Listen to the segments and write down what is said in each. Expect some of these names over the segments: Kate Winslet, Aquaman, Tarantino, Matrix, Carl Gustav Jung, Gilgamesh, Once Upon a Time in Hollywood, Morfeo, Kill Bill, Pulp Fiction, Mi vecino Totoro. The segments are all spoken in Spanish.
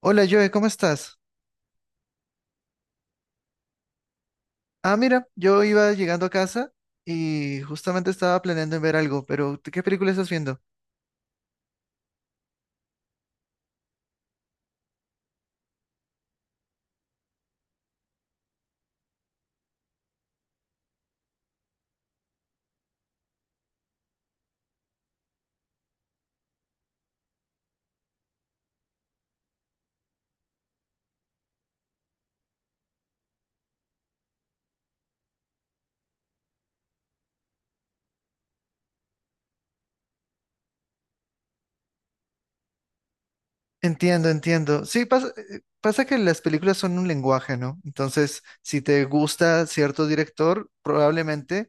Hola Joe, ¿cómo estás? Ah, mira, yo iba llegando a casa y justamente estaba planeando en ver algo, pero ¿tú ¿qué película estás viendo? Entiendo, entiendo. Sí, pasa, pasa que las películas son un lenguaje, ¿no? Entonces, si te gusta cierto director, probablemente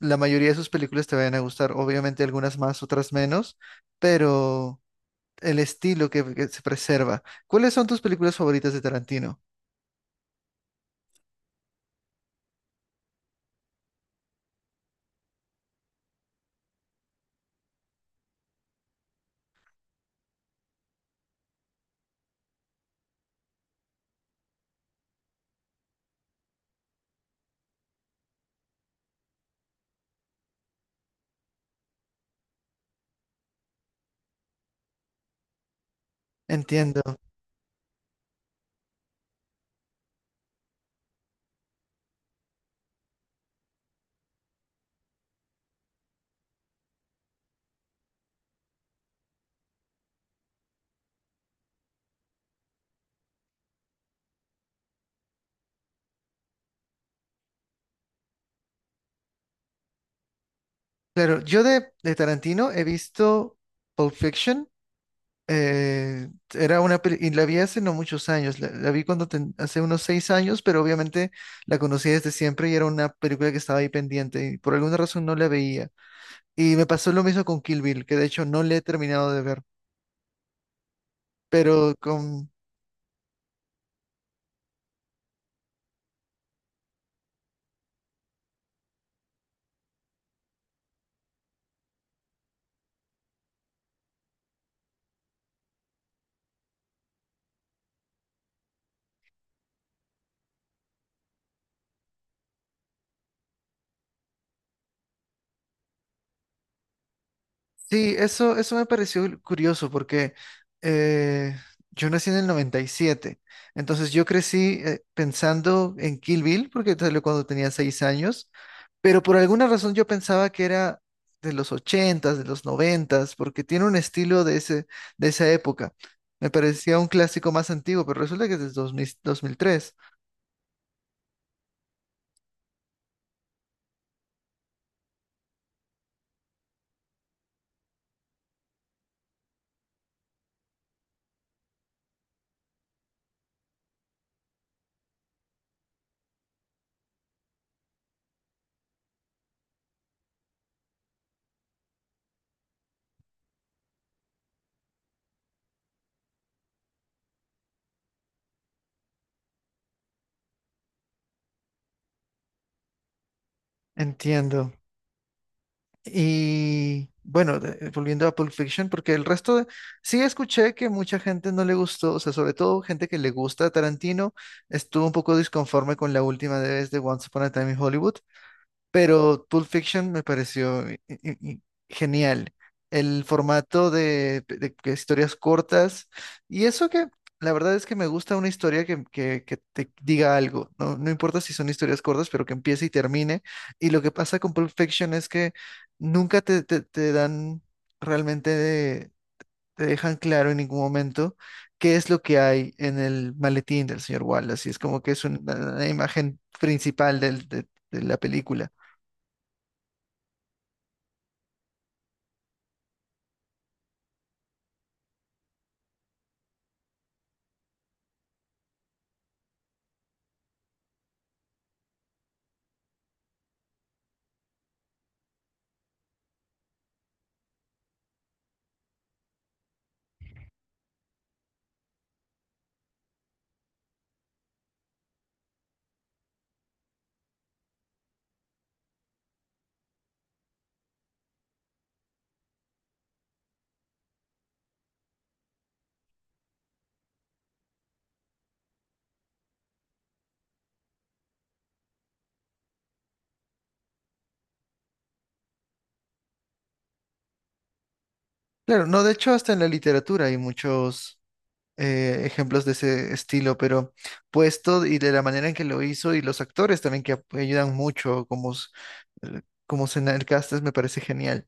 la mayoría de sus películas te vayan a gustar. Obviamente algunas más, otras menos, pero el estilo que se preserva. ¿Cuáles son tus películas favoritas de Tarantino? Entiendo. Claro, yo de Tarantino he visto Pulp Fiction. Eh, Era una y la vi hace no muchos años, la vi cuando hace unos 6 años, pero obviamente la conocí desde siempre y era una película que estaba ahí pendiente y por alguna razón no la veía. Y me pasó lo mismo con Kill Bill, que de hecho no le he terminado de ver, pero con Sí, eso me pareció curioso porque eh, yo nací en el 97, entonces yo crecí pensando en Kill Bill porque salió cuando tenía 6 años, pero por alguna razón yo pensaba que era de los ochentas, de los noventas, porque tiene un estilo de ese, de esa época. Me parecía un clásico más antiguo, pero resulta que es de dos mil tres. Entiendo. Y bueno, volviendo a Pulp Fiction, porque el resto sí escuché que mucha gente no le gustó, o sea, sobre todo gente que le gusta a Tarantino, estuvo un poco disconforme con la última vez de Once Upon a Time in Hollywood, pero Pulp Fiction me pareció genial. El formato de que historias cortas. Y eso que la verdad es que me gusta una historia que te diga algo. No, no importa si son historias cortas, pero que empiece y termine. Y lo que pasa con Pulp Fiction es que nunca te dan realmente, te dejan claro en ningún momento qué es lo que hay en el maletín del señor Wallace. Y es como que es una imagen principal de la película. Claro, no, de hecho hasta en la literatura hay muchos ejemplos de ese estilo, pero puesto y de la manera en que lo hizo y los actores también que ayudan mucho, como Senal Castes, me parece genial.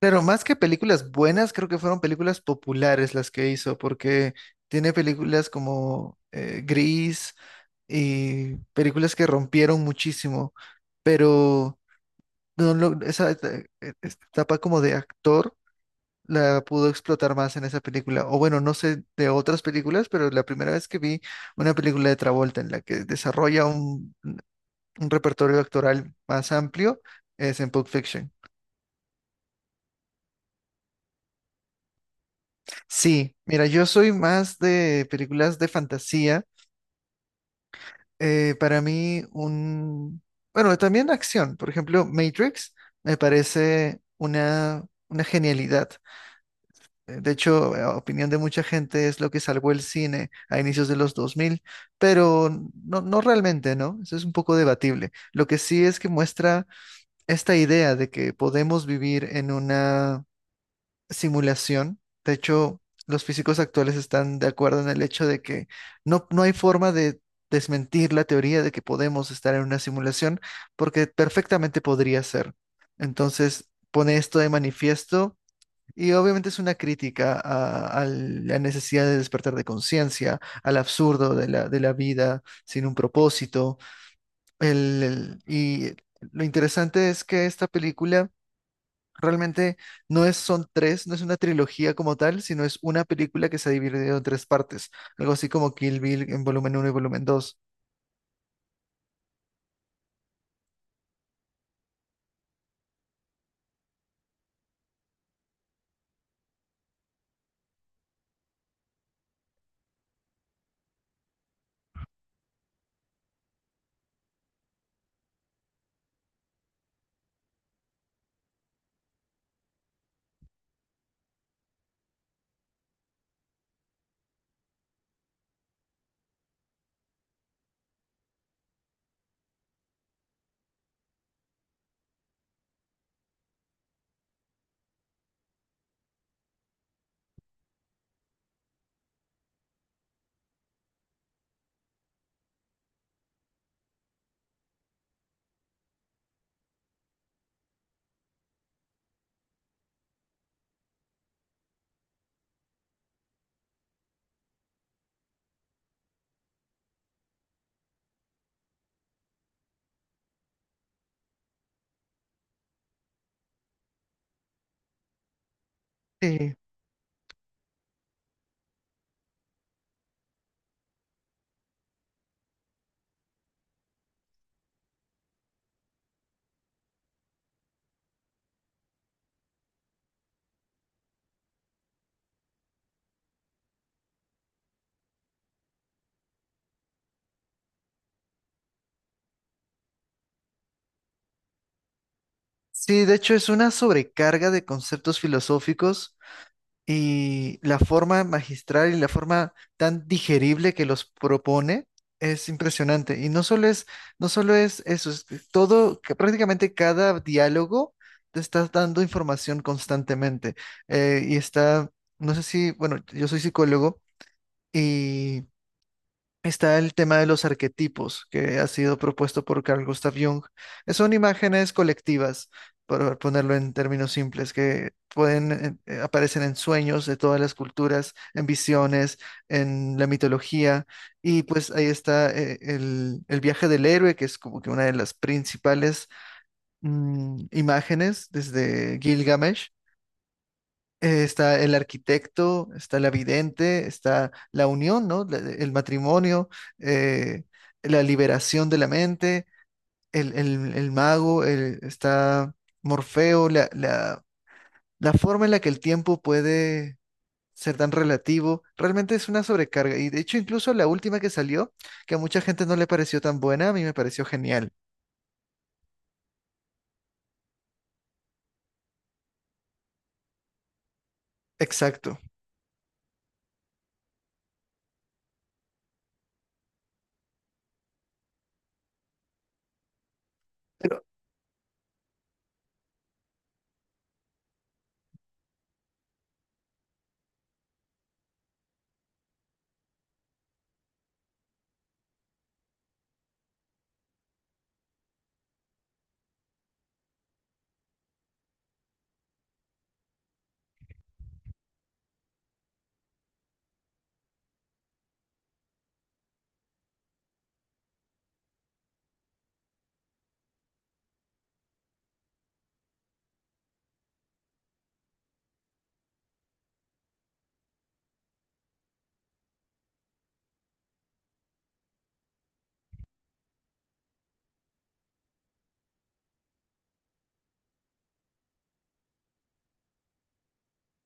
Claro, más que películas buenas, creo que fueron películas populares las que hizo, porque tiene películas como Gris y películas que rompieron muchísimo, pero no lo- esa etapa como de actor. La pudo explotar más en esa película. O bueno, no sé de otras películas, pero la primera vez que vi una película de Travolta en la que desarrolla un repertorio actoral más amplio es en Pulp Fiction. Sí, mira, yo soy más de películas de fantasía. Para mí, un. Bueno, también acción. Por ejemplo, Matrix me parece una genialidad. De hecho, a opinión de mucha gente es lo que salvó el cine a inicios de los 2000, pero no realmente, ¿no? Eso es un poco debatible. Lo que sí es que muestra esta idea de que podemos vivir en una simulación. De hecho, los físicos actuales están de acuerdo en el hecho de que no, no hay forma de desmentir la teoría de que podemos estar en una simulación, porque perfectamente podría ser. Entonces, pone esto de manifiesto y obviamente es una crítica a la necesidad de despertar de conciencia, al absurdo de la vida sin un propósito. Y lo interesante es que esta película realmente no es, son tres, no es una trilogía como tal, sino es una película que se ha dividido en tres partes, algo así como Kill Bill en volumen uno y volumen dos. Sí, sí, de hecho es una sobrecarga de conceptos filosóficos y la forma magistral y la forma tan digerible que los propone es impresionante. Y no solo es, no solo es eso, es que todo, que prácticamente cada diálogo te está dando información constantemente. Y está, no sé si, bueno, yo soy psicólogo y está el tema de los arquetipos que ha sido propuesto por Carl Gustav Jung. Son imágenes colectivas, por ponerlo en términos simples, que pueden aparecen en sueños de todas las culturas, en visiones, en la mitología. Y pues ahí está el viaje del héroe, que es como que una de las principales imágenes desde Gilgamesh. Está el arquitecto, está la vidente, está la unión, ¿no? El matrimonio, eh, la liberación de la mente, el mago, está Morfeo, la forma en la que el tiempo puede ser tan relativo, realmente es una sobrecarga. Y de hecho, incluso la última que salió, que a mucha gente no le pareció tan buena, a mí me pareció genial. Exacto. Pero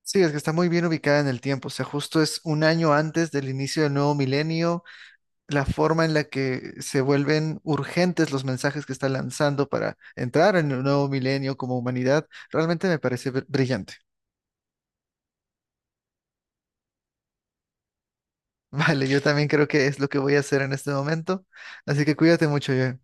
sí, es que está muy bien ubicada en el tiempo. O sea, justo es un año antes del inicio del nuevo milenio. La forma en la que se vuelven urgentes los mensajes que está lanzando para entrar en un nuevo milenio como humanidad, realmente me parece brillante. Vale, yo también creo que es lo que voy a hacer en este momento. Así que cuídate mucho, yo.